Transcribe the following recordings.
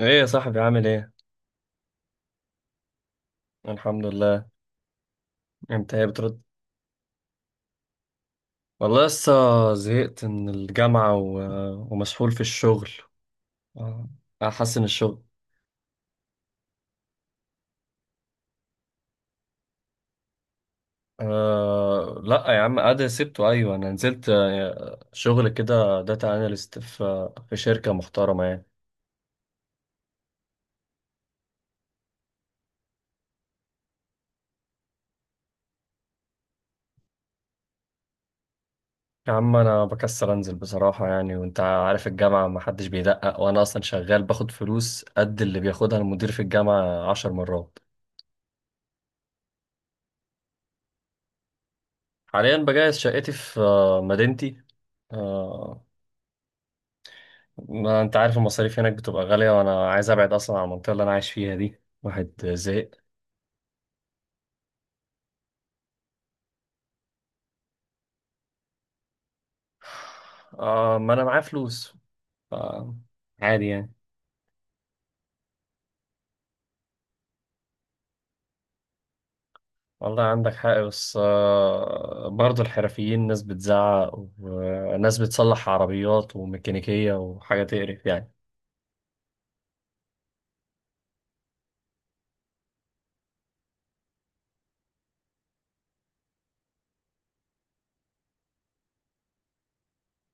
ايه يا صاحبي، عامل ايه؟ الحمد لله. انت ايه بترد؟ والله لسه زهقت من الجامعة و ومسحول في الشغل. آه، احسن الشغل. لا يا عم، ادي سبته، ايوه انا نزلت، شغل كده، داتا اناليست في شركة محترمة يعني. يا عم انا بكسل انزل بصراحة يعني، وانت عارف الجامعة محدش بيدقق، وانا اصلا شغال باخد فلوس قد اللي بياخدها المدير في الجامعة 10 مرات. حاليا بجهز شقتي في مدينتي. آه، ما انت عارف المصاريف هناك بتبقى غالية، وانا عايز ابعد اصلا عن المنطقة اللي انا عايش فيها دي، واحد زهق. آه، ما انا معايا فلوس. آه، عادي يعني. والله عندك حق، بس برضه الحرفيين ناس بتزعق وناس بتصلح عربيات وميكانيكية وحاجة تقرف يعني.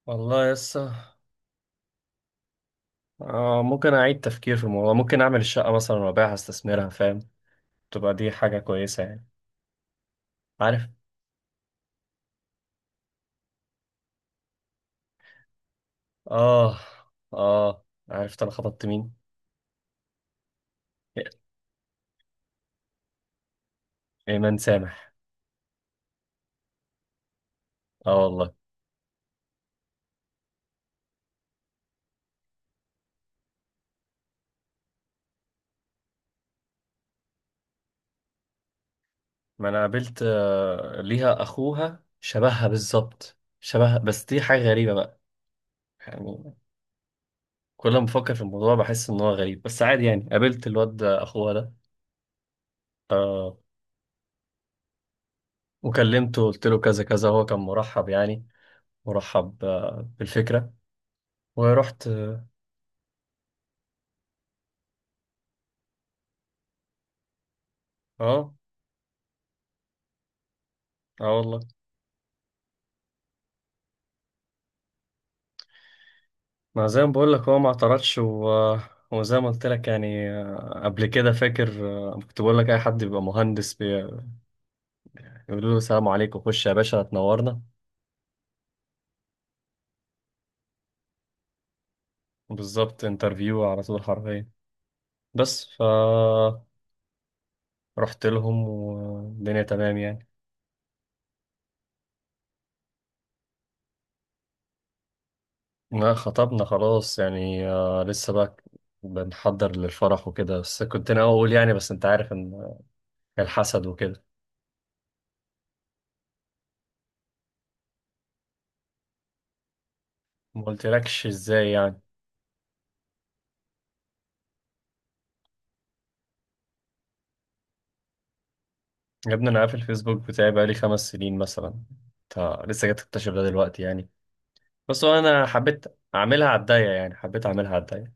والله لسه آه، ممكن اعيد تفكير في الموضوع، ممكن اعمل الشقة مثلا وابيعها، استثمرها فاهم، تبقى دي حاجة كويسة يعني. عارف. اه، اه، عرفت انا خطبت مين؟ ايمان سامح. اه والله. ما انا قابلت ليها اخوها، شبهها بالظبط شبهها، بس دي حاجه غريبه بقى، يعني. كل ما بفكر في الموضوع بحس ان هو غريب، بس عادي يعني، قابلت الواد ده، اخوها ده، وكلمته، قلت له كذا كذا، هو كان مرحب يعني، مرحب بالفكره، ورحت. اه، اه والله. ما زي ما بقول لك، هو ما اعترضش و وزي ما قلت لك يعني، قبل كده فاكر، كنت بقول لك اي حد بيبقى مهندس بيقولوا له السلام عليكم، خش يا باشا تنورنا. بالظبط، انترفيو على طول حرفيا. بس ف رحت لهم، والدنيا تمام يعني. ما خطبنا خلاص يعني، لسه بقى بنحضر للفرح وكده، بس كنت ناوي اقول يعني، بس انت عارف ان الحسد وكده. ما قلتلكش ازاي يعني. يا ابني انا قافل الفيسبوك بتاعي بقالي 5 سنين مثلا، انت لسه جاي تكتشف ده دلوقتي يعني؟ بس هو انا حبيت اعملها على الضيق يعني، حبيت اعملها على الضيق.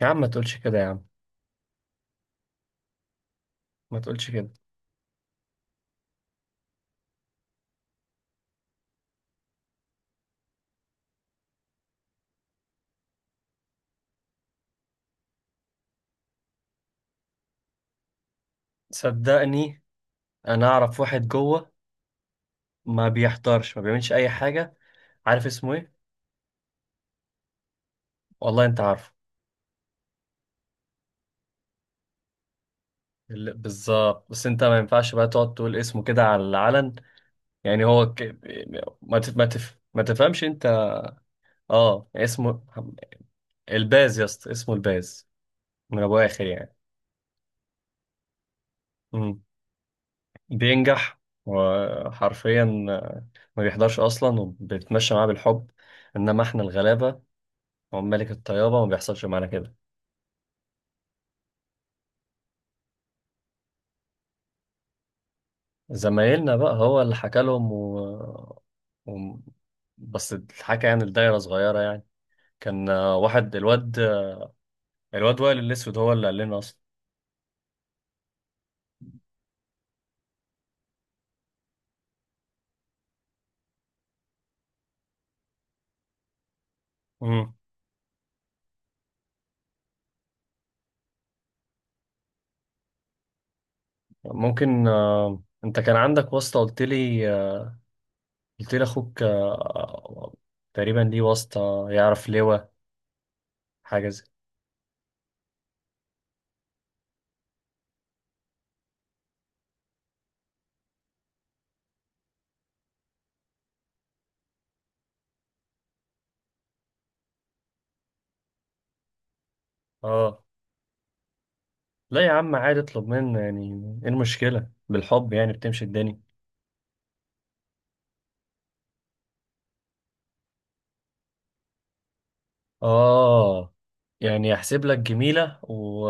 يا عم ما تقولش كده، يا عم ما تقولش كده. صدقني، انا اعرف واحد جوه، ما بيحضرش ما بيعملش اي حاجه. عارف اسمه ايه؟ والله انت عارفه. بالظبط، بس انت ما ينفعش بقى تقعد تقول اسمه كده على العلن، يعني هو ما تفهمش انت. اه، اسمه الباز يا اسطى، اسمه الباز، من ابو اخر يعني. مم. بينجح، وحرفيا ما بيحضرش اصلا، وبيتمشى معاه بالحب، انما احنا الغلابه وملك الطيابه ما بيحصلش معانا كده. زمايلنا بقى هو اللي حكى لهم و و بس الحكى يعني، الدايرة صغيرة يعني. كان واحد الواد، الواد وائل الأسود هو اللي قال لنا أصلا. مم. ممكن، أنت كان عندك واسطة، قلت لي قلت لي أخوك تقريبا ليه واسطة يعرف لواء، حاجة زي. آه لا يا عم، عادي اطلب منه يعني، إيه المشكلة؟ بالحب يعني بتمشي الدنيا. آه، يعني يحسب لك جميلة و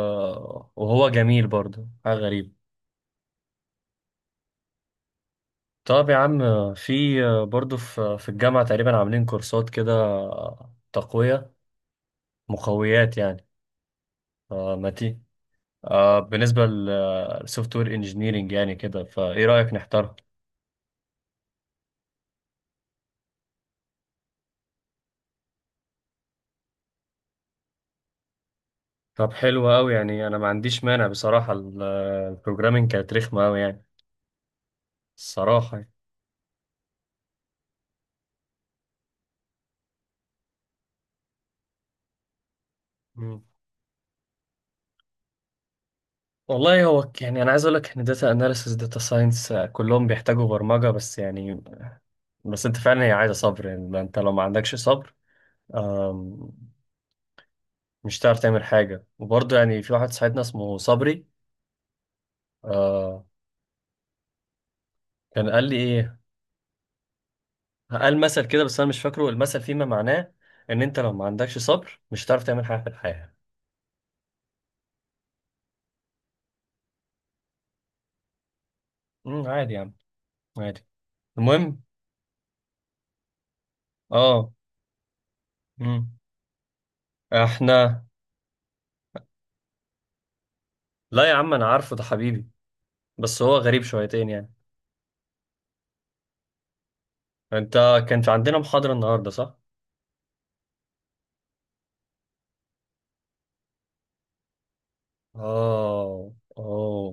وهو جميل برضه، حاجة غريبة. طب يا عم، في، برضه في الجامعة تقريبا عاملين كورسات كده، تقوية، مقويات يعني. آه، ما تي آه، بالنسبة للسوفت وير انجينيرنج يعني كده، فايه رأيك نحتارها؟ طب حلو أوي، يعني أنا ما عنديش مانع بصراحة، البروجرامينج كانت رخمة أوي يعني، الصراحة يعني. مم. والله هو يعني أنا عايز أقول لك إن داتا أناليسيس، داتا ساينس كلهم بيحتاجوا برمجة بس يعني. بس أنت فعلا هي عايزة صبر يعني، ما أنت لو ما عندكش صبر مش هتعرف تعمل حاجة. وبرضه يعني في واحد صاحبنا اسمه صبري. آه، كان قال لي ايه، قال مثل كده بس انا مش فاكره المثل، فيما معناه ان انت لو ما عندكش صبر مش هتعرف تعمل حاجة في الحياة. عادي يا عم، عادي. المهم. اه، امم احنا. لا يا عم، انا عارفه، ده حبيبي، بس هو غريب شويتين يعني. انت، كان في عندنا محاضرة النهاردة صح؟ اه، اه،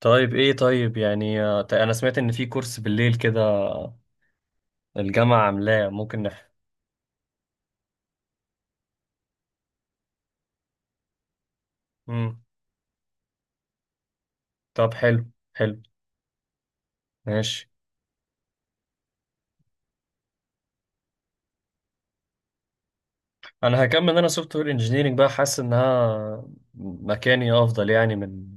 طيب ايه، طيب يعني طيب انا سمعت ان في كورس بالليل كده الجامعة عاملاه، ممكن مم. طب حلو، حلو، ماشي. انا هكمل، انا سوفت وير انجينيرنج بقى، حاسس انها مكاني افضل يعني من،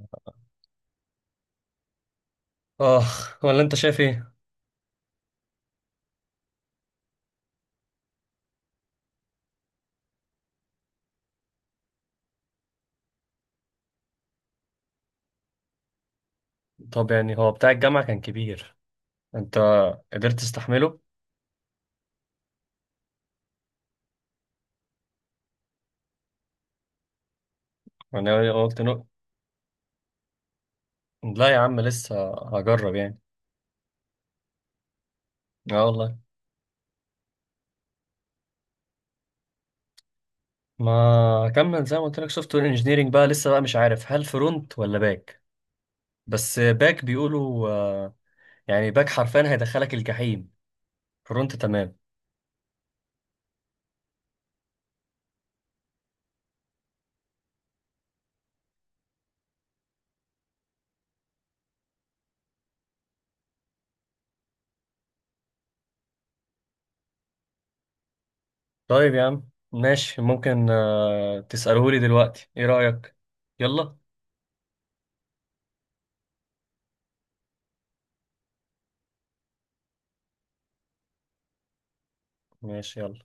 اخ، ولا انت شايف ايه؟ طب يعني هو بتاع الجامعة كان كبير، انت قدرت تستحمله؟ انا قلت نو، لا يا عم لسه هجرب يعني. اه والله. ما هكمل زي ما قلت لك، سوفت وير انجينيرنج بقى، لسه بقى مش عارف هل فرونت ولا باك، بس باك بيقولوا يعني باك حرفيا هيدخلك الجحيم، فرونت تمام. طيب يا عم ماشي، ممكن تسألهولي دلوقتي، ايه رأيك؟ يلا. ماشي يلا.